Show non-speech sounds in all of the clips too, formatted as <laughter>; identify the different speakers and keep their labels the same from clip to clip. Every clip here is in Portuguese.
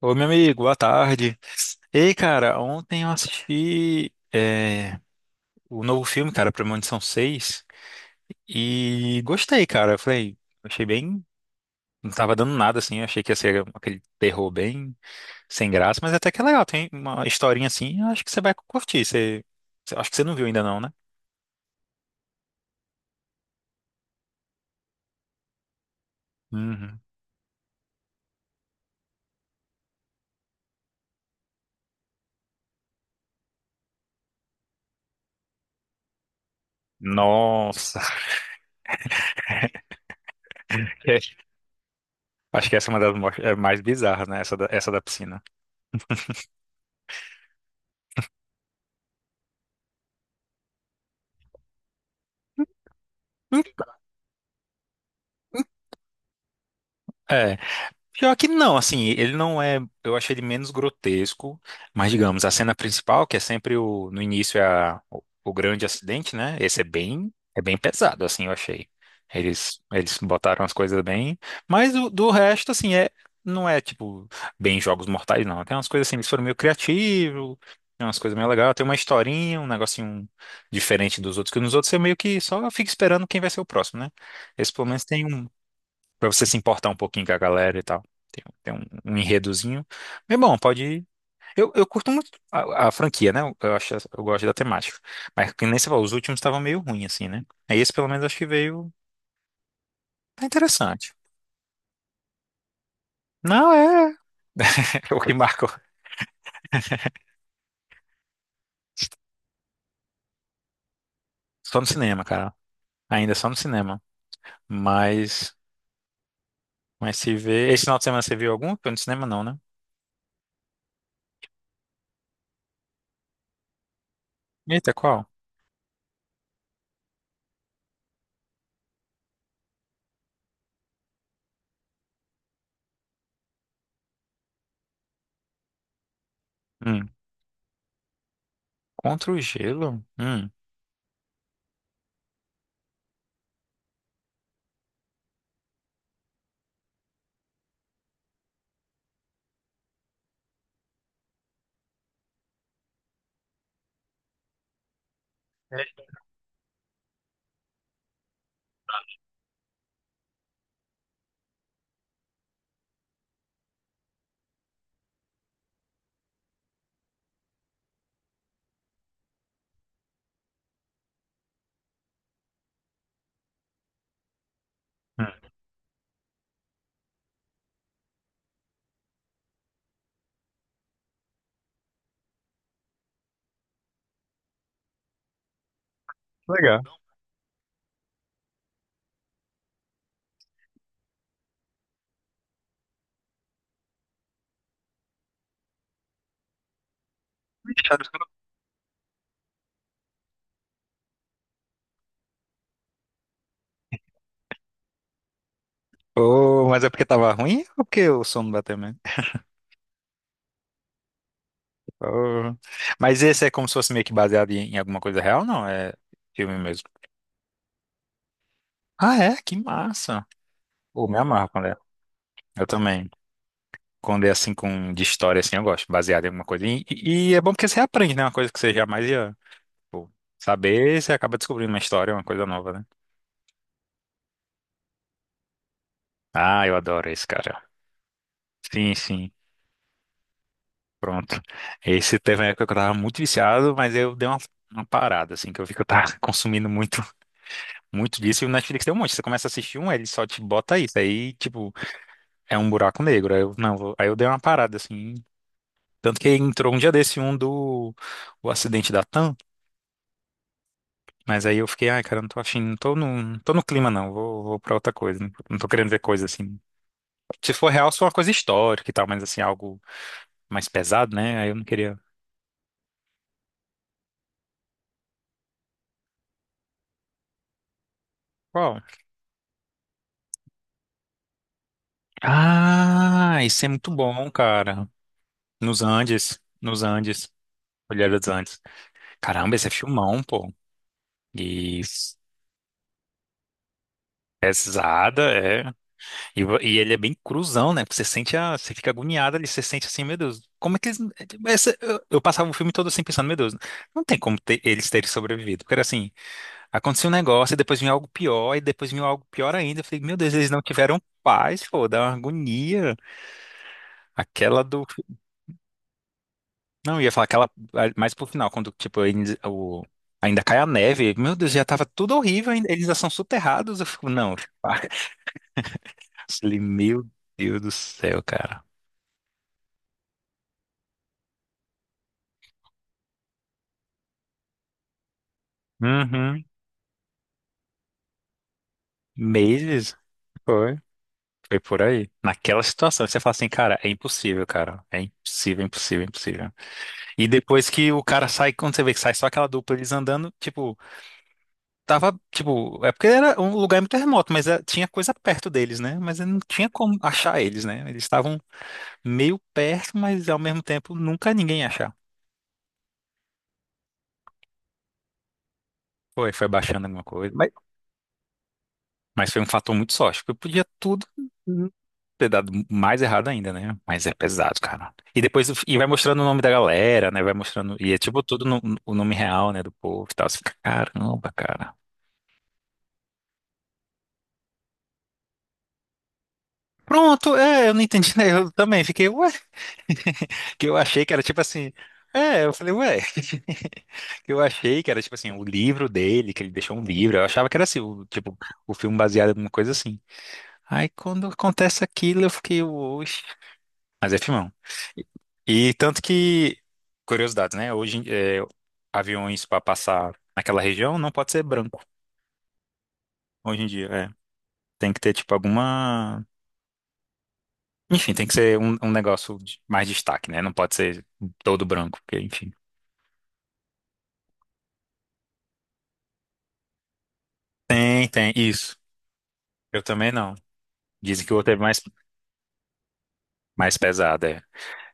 Speaker 1: Ô, meu amigo, boa tarde. Ei, cara, ontem eu assisti é, o novo filme, cara, Premonição Seis e gostei, cara. Eu falei, achei bem. Não tava dando nada, assim. Eu achei que ia ser aquele terror bem sem graça, mas até que é legal. Tem uma historinha assim, eu acho que você vai curtir. Acho que você não viu ainda, não, né? Uhum. Nossa, <laughs> acho que essa é uma das é mais bizarras, né? Essa da piscina. Hum. É. Pior que não, assim, ele não é. Eu achei ele menos grotesco, mas digamos, a cena principal, que é sempre o, no início é o grande acidente, né? Esse é bem pesado, assim, eu achei. Eles botaram as coisas bem, mas o, do resto, assim, é, não é tipo bem Jogos Mortais, não. Tem umas coisas assim, eles foram meio criativos, tem umas coisas meio legais, tem uma historinha, um negocinho diferente dos outros, que nos outros você meio que só fica esperando quem vai ser o próximo, né? Esse pelo menos tem um. Pra você se importar um pouquinho com a galera e tal. Tem um, um enredozinho. Mas bom, pode ir. Eu curto muito a franquia, né? Eu acho, eu gosto da temática. Mas que nem você falou, os últimos estavam meio ruins, assim, né? Aí esse pelo menos acho que veio. Tá interessante. Não, é. <laughs> O que marcou. Só no cinema, cara. Ainda só no cinema. Mas. Mas se vê. Esse final de semana você viu algum? Foi no cinema, não, né? Eita, qual? Hum. Contra o gelo? Hum. É. Hum. Legal. Ô, mas é porque tava ruim ou porque o sono bateu mesmo? Oh. Mas esse é como se fosse meio que baseado em, em alguma coisa real, não? É filme mesmo. Ah, é? Que massa. Pô, me amarro quando é. Eu também. Quando é assim com de história assim, eu gosto, baseado em alguma coisa. E, e é bom porque você aprende, né? Uma coisa que você jamais ia, tipo, saber, você acaba descobrindo uma história, uma coisa nova, né? Ah, eu adoro esse, cara. Sim, sim. Pronto. Esse teve uma época que eu tava muito viciado, mas eu dei uma parada, assim, que eu vi que eu tava <laughs> consumindo muito, muito disso. E o Netflix tem um monte. Você começa a assistir um, ele só te bota isso. Aí, tipo. É um buraco negro. Aí eu, não, aí eu dei uma parada assim. Tanto que entrou um dia desse um do o acidente da TAM, mas aí eu fiquei, ai, cara, não tô afim, não tô no, não tô no clima, não, vou pra outra coisa, não tô querendo ver coisa assim. Se for real, só uma coisa histórica e tal, mas assim, algo mais pesado, né? Aí eu não queria. Qual? Ah, isso é muito bom, cara. Nos Andes, Olheiras dos Andes. Caramba, esse é filmão, pô. E pesada, é. E, e ele é bem cruzão, né? Porque você sente a, você fica agoniado ali, você sente assim, meu Deus, como é que eles. Eu passava o filme todo assim pensando, meu Deus, não tem como eles terem sobrevivido. Porque era assim, aconteceu um negócio, e depois vinha algo pior, e depois vinha algo pior ainda. Eu falei, meu Deus, eles não tiveram paz, pô, dá uma agonia. Aquela do. Não, eu ia falar aquela mais pro final, quando, tipo, o, ainda cai a neve. Meu Deus, já tava tudo horrível, eles já são soterrados. Eu fico, não, <laughs> eu falei, meu Deus do céu, cara. Uhum. Meses? Foi. Foi por aí. Naquela situação, que você fala assim, cara. É impossível, impossível, impossível. E depois que o cara sai, quando você vê que sai só aquela dupla, eles andando, tipo, tava, tipo, é porque era um lugar muito remoto, mas é, tinha coisa perto deles, né? Mas não tinha como achar eles, né? Eles estavam meio perto, mas ao mesmo tempo nunca ninguém ia achar. Foi, foi baixando alguma coisa. Mas foi um fator muito sorte, porque eu podia tudo. Ter dado mais errado ainda, né? Mas é pesado, cara. E depois e vai mostrando o nome da galera, né? Vai mostrando. E é tipo tudo o nome real, né? Do povo e tal. Você fica, caramba, cara. Pronto, é, eu não entendi, né? Eu também fiquei, ué. <laughs> Que eu achei que era tipo assim. É, eu falei, ué. <laughs> Que eu achei que era tipo assim, o livro dele, que ele deixou um livro. Eu achava que era assim, o, tipo, o filme baseado em uma coisa assim. Aí quando acontece aquilo, eu fiquei, oxe. Mas é filmão. E, e tanto que, curiosidade né? Hoje, é, aviões para passar naquela região não pode ser branco, hoje em dia, é. Tem que ter, tipo, alguma... Enfim, tem que ser um, um negócio de mais destaque, né? Não pode ser todo branco, porque, enfim. Tem, isso. Eu também não. Dizem que o outro é mais, mais pesado, é.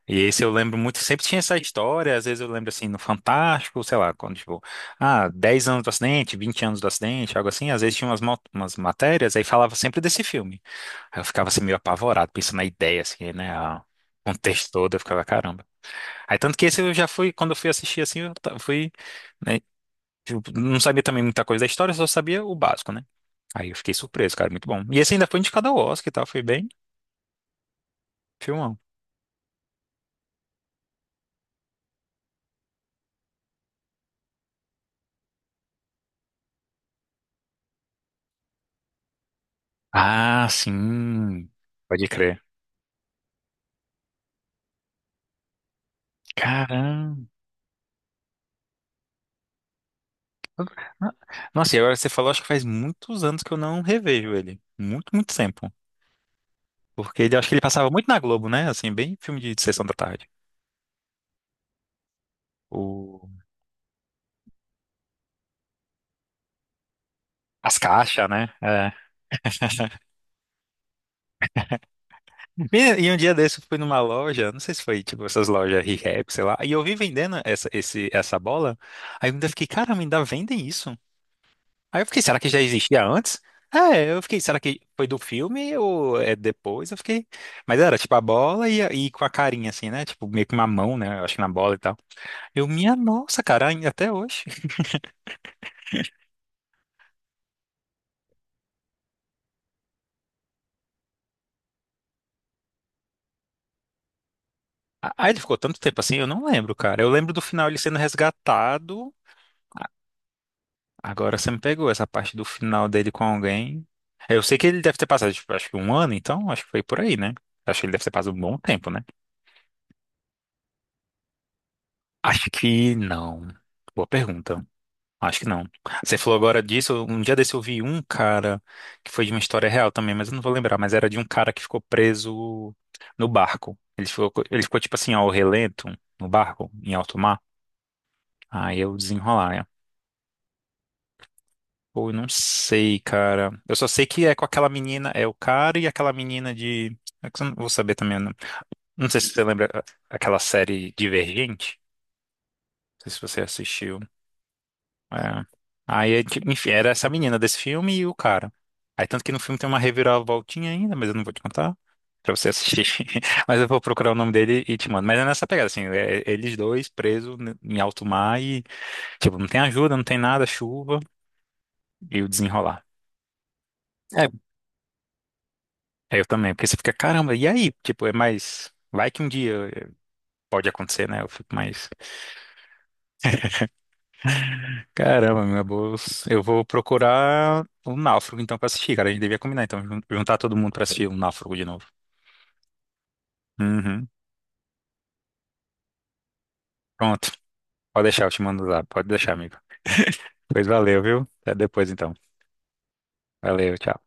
Speaker 1: E esse eu lembro muito, sempre tinha essa história, às vezes eu lembro assim, no Fantástico, sei lá, quando tipo, ah, 10 anos do acidente, 20 anos do acidente, algo assim, às vezes tinha umas, umas matérias, aí falava sempre desse filme. Aí eu ficava assim meio apavorado, pensando na ideia, assim, né, o contexto todo, eu ficava, caramba. Aí tanto que esse eu já fui, quando eu fui assistir assim, eu fui, né, tipo, não sabia também muita coisa da história, só sabia o básico, né. Aí eu fiquei surpreso, cara, muito bom. E esse ainda foi indicado ao Oscar e tal, foi bem filmão. Ah, sim, pode crer. Caramba. Nossa, e agora você falou, acho que faz muitos anos que eu não revejo ele. Muito, muito tempo. Porque ele, acho que ele passava muito na Globo, né? Assim, bem filme de sessão da tarde. O... As caixas, né? É. E, e um dia desse eu fui numa loja, não sei se foi tipo essas lojas Rehab, sei lá, e eu vi vendendo essa, esse, essa bola. Aí eu ainda fiquei, cara, ainda vendem isso? Aí eu fiquei, será que já existia antes? É, eu fiquei, será que foi do filme ou é depois? Eu fiquei. Mas era tipo a bola e com a carinha, assim, né? Tipo, meio que uma mão, né? Eu acho que na bola e tal. Eu, minha nossa, cara, ainda até hoje. Aí ele ficou tanto tempo assim, eu não lembro, cara. Eu lembro do final ele sendo resgatado. Agora você me pegou essa parte do final dele com alguém. Eu sei que ele deve ter passado, tipo, acho que um ano, então, acho que foi por aí, né? Acho que ele deve ter passado um bom tempo, né? Acho que não. Boa pergunta. Acho que não. Você falou agora disso. Um dia desse eu vi um cara que foi de uma história real também, mas eu não vou lembrar. Mas era de um cara que ficou preso no barco. Ele ficou tipo assim, ao relento, no barco, em alto mar. Aí eu desenrolar, né? Pô, eu não sei, cara. Eu só sei que é com aquela menina, é o cara e aquela menina de. É que eu não vou saber também. Não, não sei se você lembra ah, aquela série Divergente. Não sei se você assistiu. É. Aí, enfim, era essa menina desse filme e o cara. Aí, tanto que no filme tem uma reviravoltinha ainda, mas eu não vou te contar pra você assistir. <laughs> Mas eu vou procurar o nome dele e te mando. Mas é nessa pegada, assim, eles dois presos em alto mar e, tipo, não tem ajuda, não tem nada, chuva e o desenrolar. É, é, eu também, porque você fica, caramba, e aí? Tipo, é mais. Vai que um dia pode acontecer, né? Eu fico mais. Caramba, meu bolsa. Eu vou procurar o Náufrago, então, pra assistir, cara. A gente devia combinar, então, juntar todo mundo pra assistir o Náufrago de novo. Uhum. Pronto. Pode deixar, eu te mando lá. Pode deixar, amigo. Pois valeu, viu? Até depois, então. Valeu, tchau.